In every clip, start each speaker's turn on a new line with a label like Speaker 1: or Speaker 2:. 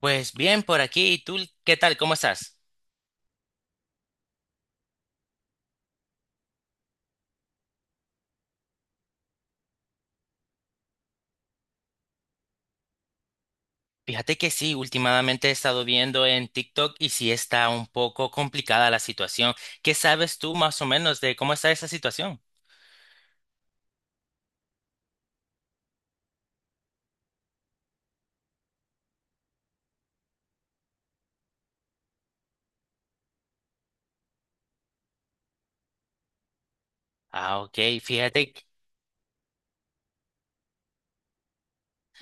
Speaker 1: Pues bien, por aquí. ¿Y tú qué tal? ¿Cómo estás? Fíjate que sí, últimamente he estado viendo en TikTok y sí está un poco complicada la situación. ¿Qué sabes tú más o menos de cómo está esa situación? Ah, ok, fíjate.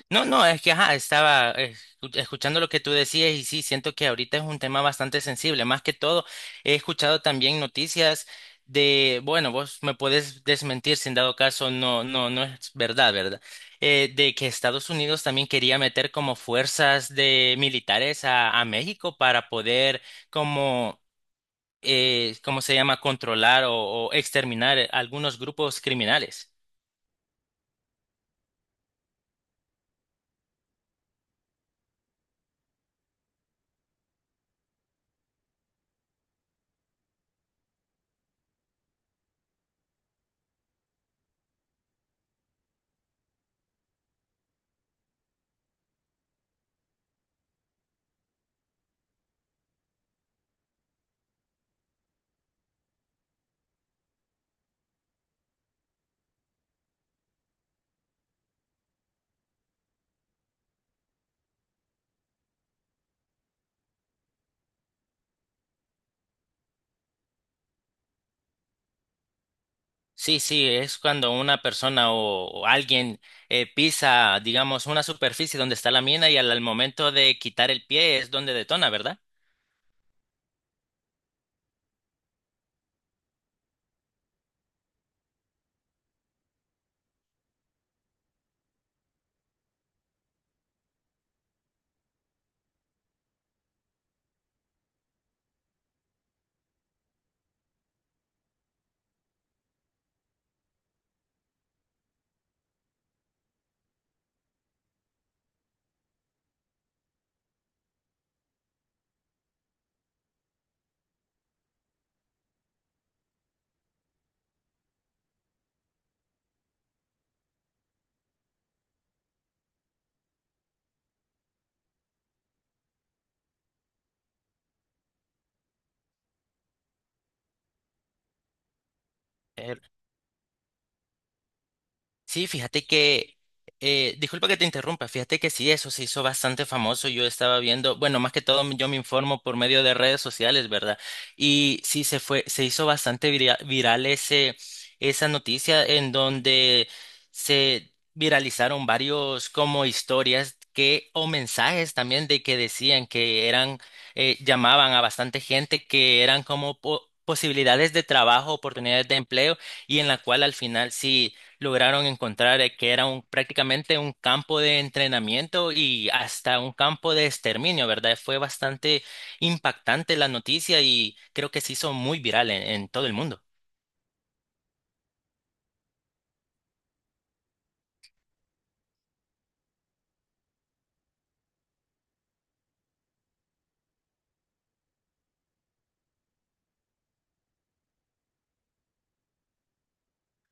Speaker 1: No, no, es que ajá, estaba escuchando lo que tú decías y sí, siento que ahorita es un tema bastante sensible. Más que todo, he escuchado también noticias de, bueno, vos me puedes desmentir si en dado caso, no, no, no es verdad, ¿verdad? De que Estados Unidos también quería meter como fuerzas de militares a México para poder como, ¿cómo se llama?, controlar o exterminar algunos grupos criminales. Sí, sí, es cuando una persona o alguien pisa, digamos, una superficie donde está la mina y al momento de quitar el pie es donde detona, ¿verdad? Eh, Sí, fíjate que, disculpa que te interrumpa, fíjate que sí, eso se hizo bastante famoso. Yo estaba viendo, bueno, más que todo yo me informo por medio de redes sociales, ¿verdad? Y sí, se hizo bastante viral esa noticia en donde se viralizaron varios como historias que, o mensajes también de que decían que eran, llamaban a bastante gente que eran como posibilidades de trabajo, oportunidades de empleo y en la cual al final sí lograron encontrar que era prácticamente un campo de entrenamiento y hasta un campo de exterminio, ¿verdad? Fue bastante impactante la noticia y creo que se hizo muy viral en todo el mundo.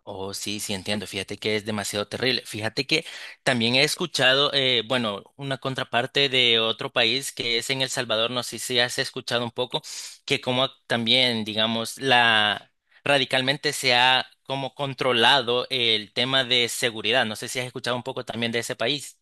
Speaker 1: Oh, sí, sí, entiendo. Fíjate que es demasiado terrible. Fíjate que también he escuchado, bueno, una contraparte de otro país que es en El Salvador, no sé si has escuchado un poco, que como también, digamos, la radicalmente se ha como controlado el tema de seguridad. No sé si has escuchado un poco también de ese país.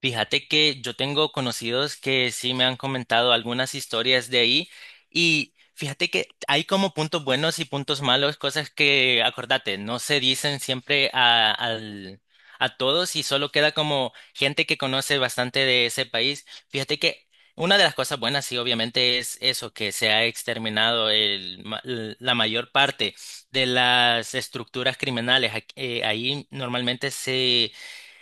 Speaker 1: Fíjate que yo tengo conocidos que sí me han comentado algunas historias de ahí y fíjate que hay como puntos buenos y puntos malos, cosas que, acordate, no se dicen siempre a todos y solo queda como gente que conoce bastante de ese país. Fíjate que una de las cosas buenas sí obviamente es eso, que se ha exterminado el la mayor parte de las estructuras criminales. Ahí normalmente se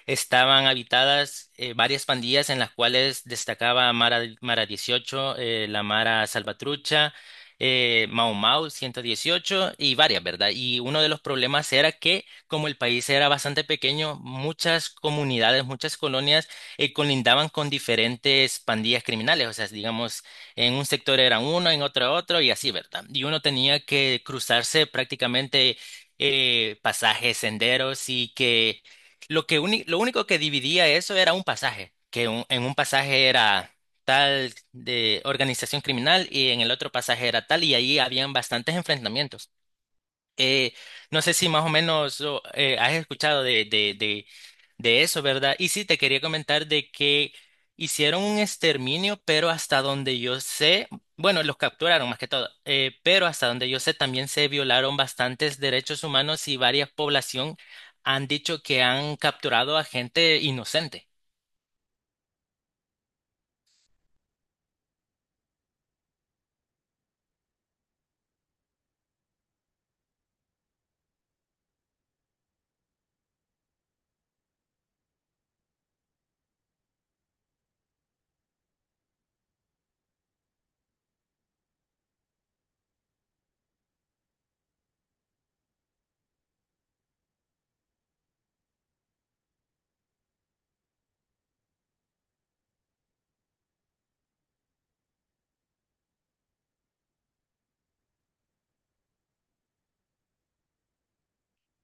Speaker 1: estaban habitadas varias pandillas en las cuales destacaba Mara 18 la Mara Salvatrucha, Mau Mau 118 y varias, ¿verdad? Y uno de los problemas era que como el país era bastante pequeño, muchas comunidades, muchas colonias colindaban con diferentes pandillas criminales, o sea, digamos, en un sector era uno, en otro otro y así, ¿verdad? Y uno tenía que cruzarse prácticamente pasajes, senderos y que lo único que dividía eso era un pasaje, que en un pasaje era tal de organización criminal y en el otro pasaje era tal y ahí habían bastantes enfrentamientos. Eh, no sé si más o menos o, has escuchado de eso, ¿verdad? Y sí, te quería comentar de que hicieron un exterminio, pero hasta donde yo sé, bueno, los capturaron más que todo, pero hasta donde yo sé también se violaron bastantes derechos humanos y varias población han dicho que han capturado a gente inocente.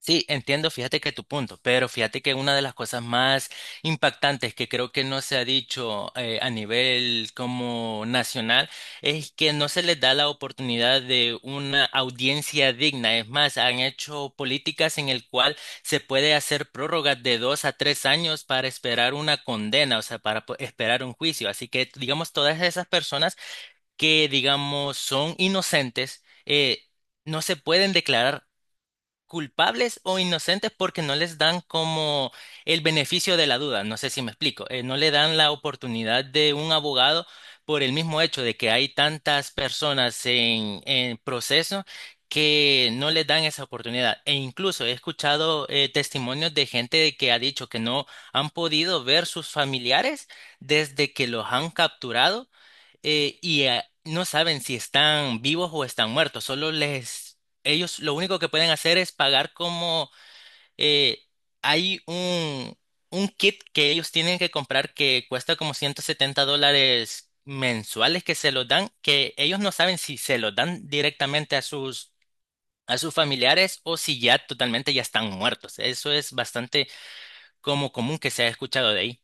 Speaker 1: Sí, entiendo, fíjate que tu punto, pero fíjate que una de las cosas más impactantes que creo que no se ha dicho a nivel como nacional es que no se les da la oportunidad de una audiencia digna. Es más, han hecho políticas en el cual se puede hacer prórrogas de 2 a 3 años para esperar una condena, o sea, esperar un juicio. Así que, digamos, todas esas personas que, digamos, son inocentes, no se pueden declarar culpables o inocentes porque no les dan como el beneficio de la duda. No sé si me explico. No le dan la oportunidad de un abogado por el mismo hecho de que hay tantas personas en proceso que no les dan esa oportunidad. E incluso he escuchado testimonios de gente que ha dicho que no han podido ver sus familiares desde que los han capturado no saben si están vivos o están muertos, solo ellos lo único que pueden hacer es pagar como eh, hay un kit que ellos tienen que comprar que cuesta como $170 mensuales que se los dan, que ellos no saben si se los dan directamente a sus familiares o si ya totalmente ya están muertos. Eso es bastante como común que se ha escuchado de ahí.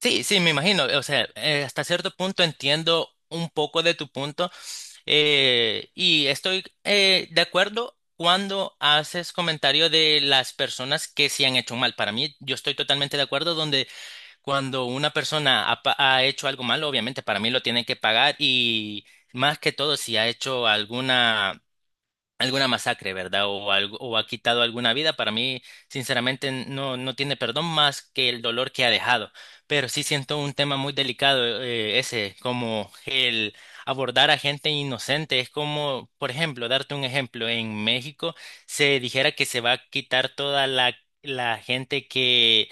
Speaker 1: Sí, sí, me imagino. O sea, hasta cierto punto entiendo un poco de tu punto y estoy de acuerdo cuando haces comentario de las personas que se han hecho mal. Para mí, yo estoy totalmente de acuerdo donde cuando una persona ha hecho algo malo, obviamente para mí lo tiene que pagar y más que todo si ha hecho alguna alguna masacre, ¿verdad? O algo, o ha quitado alguna vida. Para mí, sinceramente, no, no tiene perdón más que el dolor que ha dejado. Pero sí siento un tema muy delicado, ese, como el abordar a gente inocente. Es como, por ejemplo, darte un ejemplo, en México se dijera que se va a quitar toda la gente que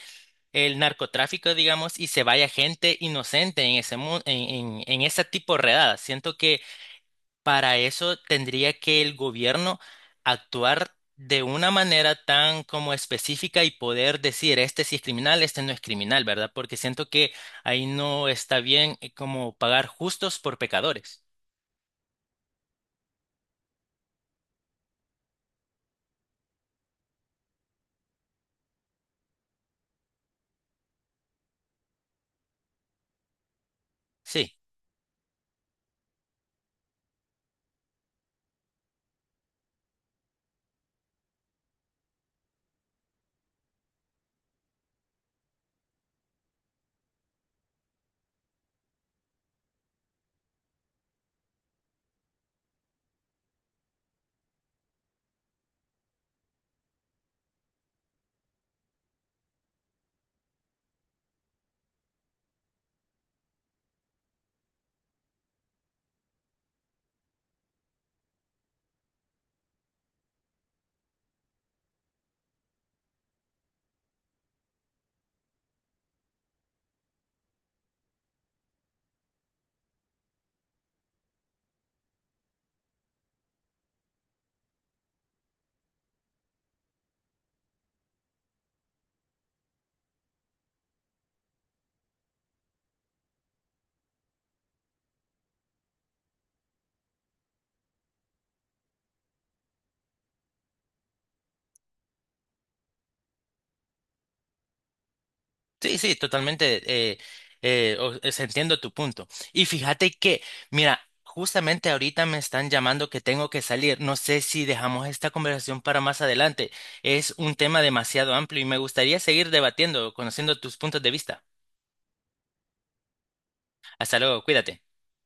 Speaker 1: el narcotráfico, digamos, y se vaya gente inocente en en ese tipo de redadas. Siento que para eso tendría que el gobierno actuar de una manera tan como específica y poder decir, este sí es criminal, este no es criminal, ¿verdad? Porque siento que ahí no está bien como pagar justos por pecadores. Sí. Sí, sí, totalmente. eh, Entiendo tu punto. Y fíjate que, mira, justamente ahorita me están llamando que tengo que salir. No sé si dejamos esta conversación para más adelante. Es un tema demasiado amplio y me gustaría seguir debatiendo, conociendo tus puntos de vista. Hasta luego, cuídate.